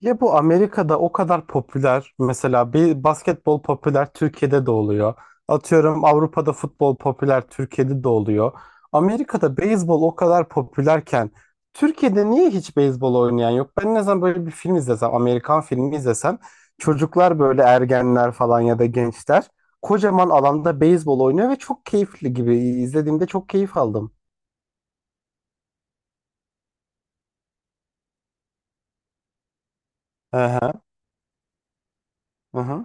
Ya bu Amerika'da o kadar popüler. Mesela bir basketbol popüler Türkiye'de de oluyor. Atıyorum Avrupa'da futbol popüler Türkiye'de de oluyor. Amerika'da beyzbol o kadar popülerken Türkiye'de niye hiç beyzbol oynayan yok? Ben ne zaman böyle bir film izlesem, Amerikan filmi izlesem çocuklar böyle ergenler falan ya da gençler kocaman alanda beyzbol oynuyor ve çok keyifli gibi izlediğimde çok keyif aldım. Hı hı. Hı hı.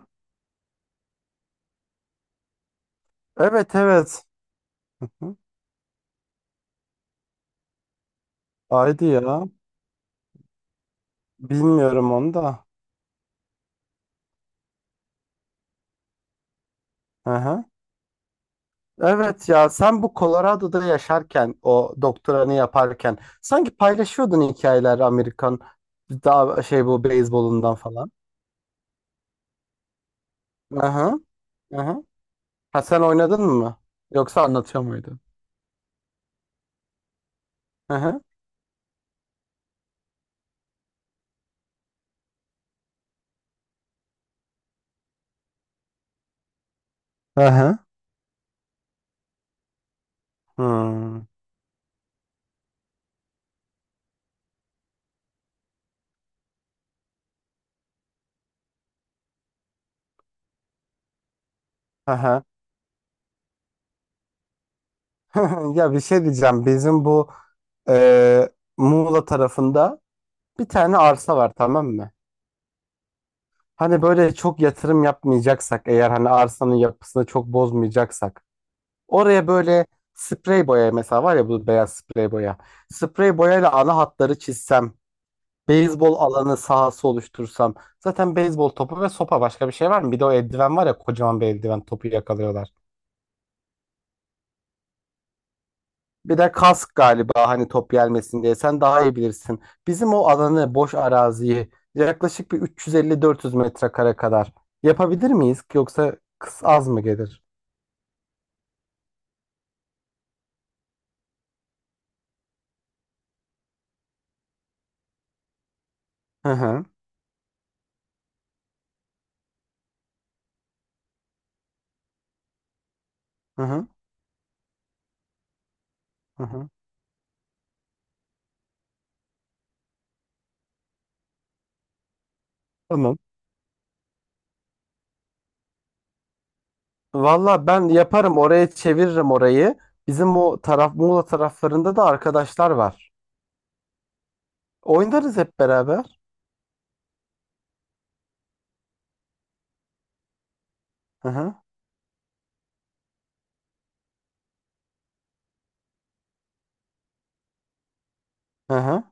Evet evet. Hı hı. Haydi ya. Bilmiyorum onu da. Aha. Evet ya sen bu Colorado'da yaşarken o doktoranı yaparken sanki paylaşıyordun hikayeler Amerikan daha şey bu beyzbolundan falan. Aha, aha. Ha sen oynadın mı? Yoksa anlatıyor muydun? Aha. Aha. Hmm. Aha. Ya bir şey diyeceğim. Bizim bu e, Muğla tarafında bir tane arsa var, tamam mı? Hani böyle çok yatırım yapmayacaksak, eğer hani arsanın yapısını çok bozmayacaksak oraya böyle sprey boya mesela var ya, bu beyaz sprey boya. Sprey boyayla ana hatları çizsem, beyzbol alanı sahası oluştursam. Zaten beyzbol topu ve sopa, başka bir şey var mı? Bir de o eldiven var ya, kocaman bir eldiven, topu yakalıyorlar. Bir de kask galiba, hani top gelmesin diye. Sen daha iyi bilirsin. Bizim o alanı, boş araziyi yaklaşık bir 350-400 metrekare kadar yapabilir miyiz? Yoksa kız az mı gelir? Hı hı. Hı hı. Hı hı. Tamam. Valla ben yaparım, oraya çeviririm orayı. Bizim o taraf Muğla taraflarında da arkadaşlar var. Oynarız hep beraber. Hı hı. Hı hı.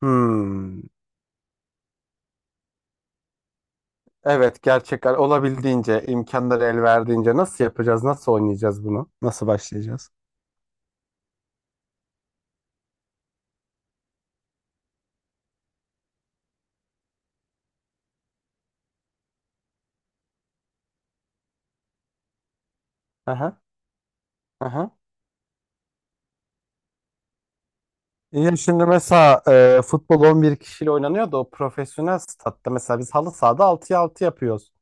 Hmm. Evet, gerçekten olabildiğince, imkanları el verdiğince nasıl yapacağız? Nasıl oynayacağız bunu? Nasıl başlayacağız? Hı hı. Hı hı. Ya şimdi mesela futbol 11 kişiyle oynanıyor da o profesyonel statta, mesela biz halı sahada 6'ya altı yapıyoruz.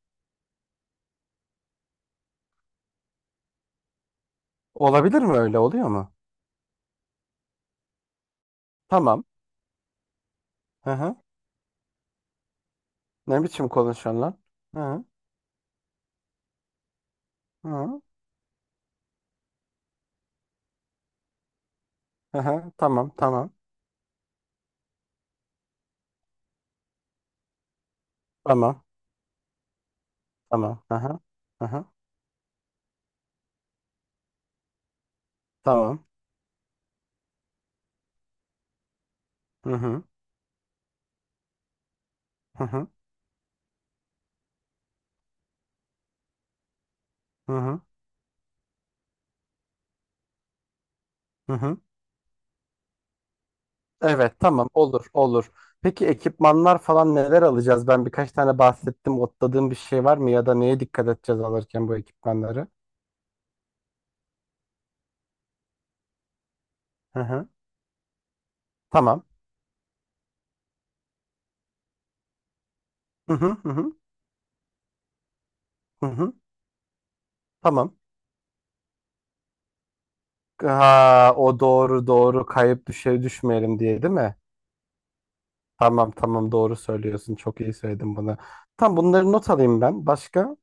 Olabilir mi, öyle oluyor mu? Tamam. Hı hı. Ne biçim konuşuyorsun lan? Hı hı. Hı. Aha, tamam, tamam, tamam, tamam, aha, aha, tamam, hı hı, hı hı, hı hı, hı hı. Evet, tamam, olur olur. Peki ekipmanlar falan neler alacağız? Ben birkaç tane bahsettim. Otladığım bir şey var mı ya da neye dikkat edeceğiz alırken bu ekipmanları? Hı hı. Tamam. Hı hı, hı hı, hı hı. Tamam. Ha, o doğru doğru, kayıp düşe düşmeyelim diye, değil mi? Tamam tamam, doğru söylüyorsun. Çok iyi söyledin bunu. Tam bunları not alayım ben. Başka?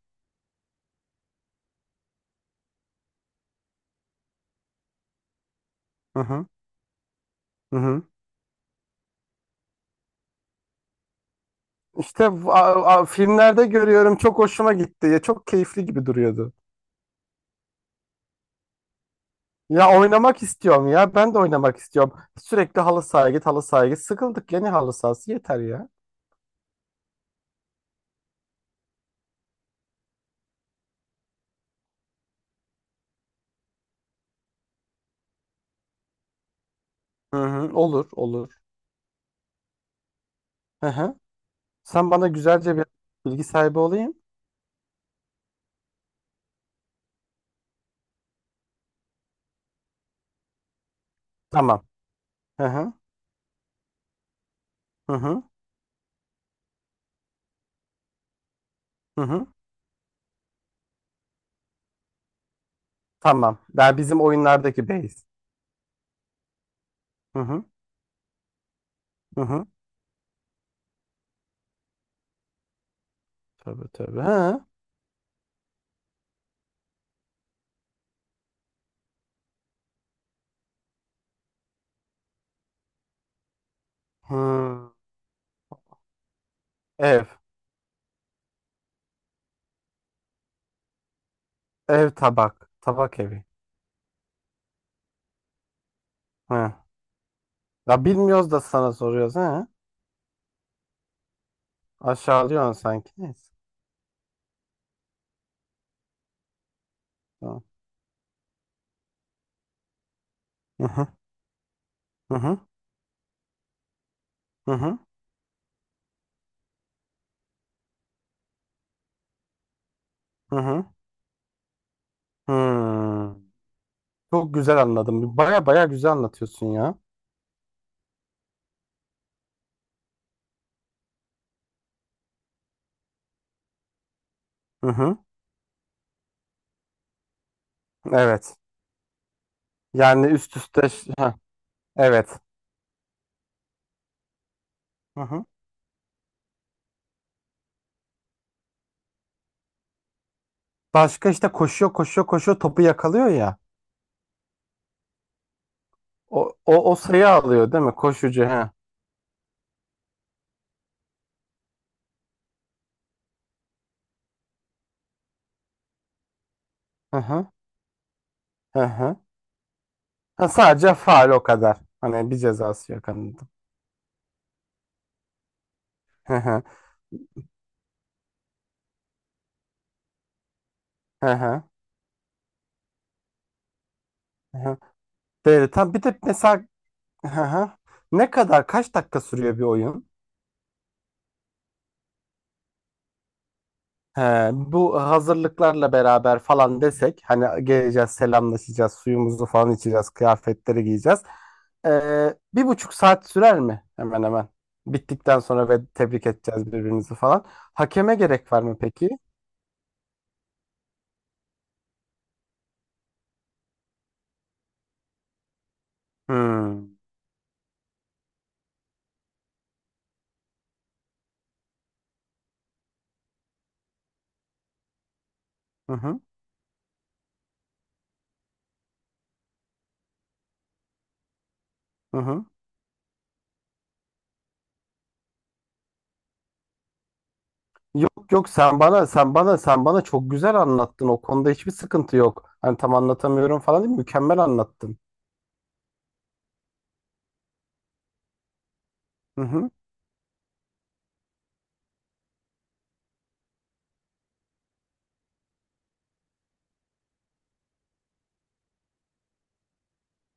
Hı hı. Hı hı. İşte filmlerde görüyorum, çok hoşuma gitti. Ya çok keyifli gibi duruyordu. Ya oynamak istiyorum ya. Ben de oynamak istiyorum. Sürekli halı sahaya git, halı sahaya git. Sıkıldık ya, ne halı sahası, yeter ya. Hı hı, olur, olur. Hı hı. Sen bana güzelce bir bilgi sahibi olayım. Tamam. Hı hı. Hı hı. Hı hı. Tamam. Ben bizim oyunlardaki base. Hı hı. Hı hı. Tabii tabii. Ha. Ha. Ev. Ev tabak. Tabak evi. Ha. Ya bilmiyoruz da sana soruyoruz, ha. Aşağılıyorsun sanki. Neyse. Tamam. Hı hı. Hı hı. Hı hı. Hı hı. Hmm. Çok güzel anladım. Baya baya güzel anlatıyorsun ya. Hı hı. Evet. Yani üst üste. Ha. Evet. Hı hı. Başka işte, koşuyor koşuyor koşuyor, topu yakalıyor ya. O sayı alıyor, değil mi? Koşucu. Ha. Hı hı. Hı hı. Ha, sadece faal, o kadar. Hani bir cezası yok. Hani. Hı hı, hı hı, hı hı. Böyle tam bir de mesela, hı hı, ne kadar, kaç dakika sürüyor bir oyun? He, bu hazırlıklarla beraber falan desek, hani geleceğiz, selamlaşacağız, suyumuzu falan içeceğiz, kıyafetleri giyeceğiz. 1,5 saat sürer mi hemen hemen? Bittikten sonra ve tebrik edeceğiz birbirimizi falan. Hakeme gerek var mı peki? Hmm. Hı hı, hı hı. Yok yok, sen bana çok güzel anlattın, o konuda hiçbir sıkıntı yok. Hani tam anlatamıyorum falan değil, mükemmel anlattın. Hı hı.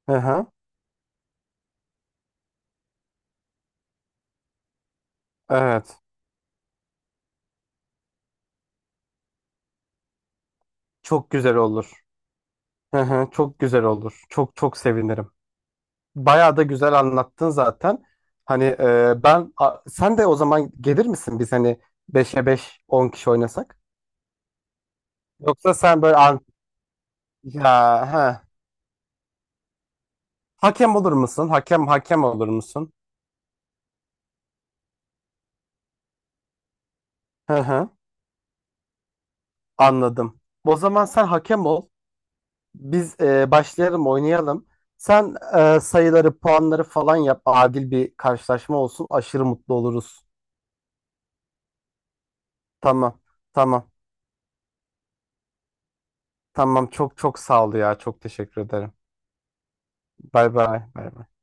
Hı hı. Evet. Çok güzel olur. Hı hı. Çok güzel olur. Çok çok sevinirim. Bayağı da güzel anlattın zaten. Hani sen de o zaman gelir misin, biz hani 5'e beş 10 kişi oynasak? Yoksa sen böyle ya, ha. Hakem olur musun? Hakem olur musun? Hı hı. Anladım. O zaman sen hakem ol. Biz başlayalım, oynayalım. Sen sayıları, puanları falan yap. Adil bir karşılaşma olsun. Aşırı mutlu oluruz. Tamam. Tamam. Tamam. Çok çok sağ ol ya. Çok teşekkür ederim. Bay bay. Bay bay.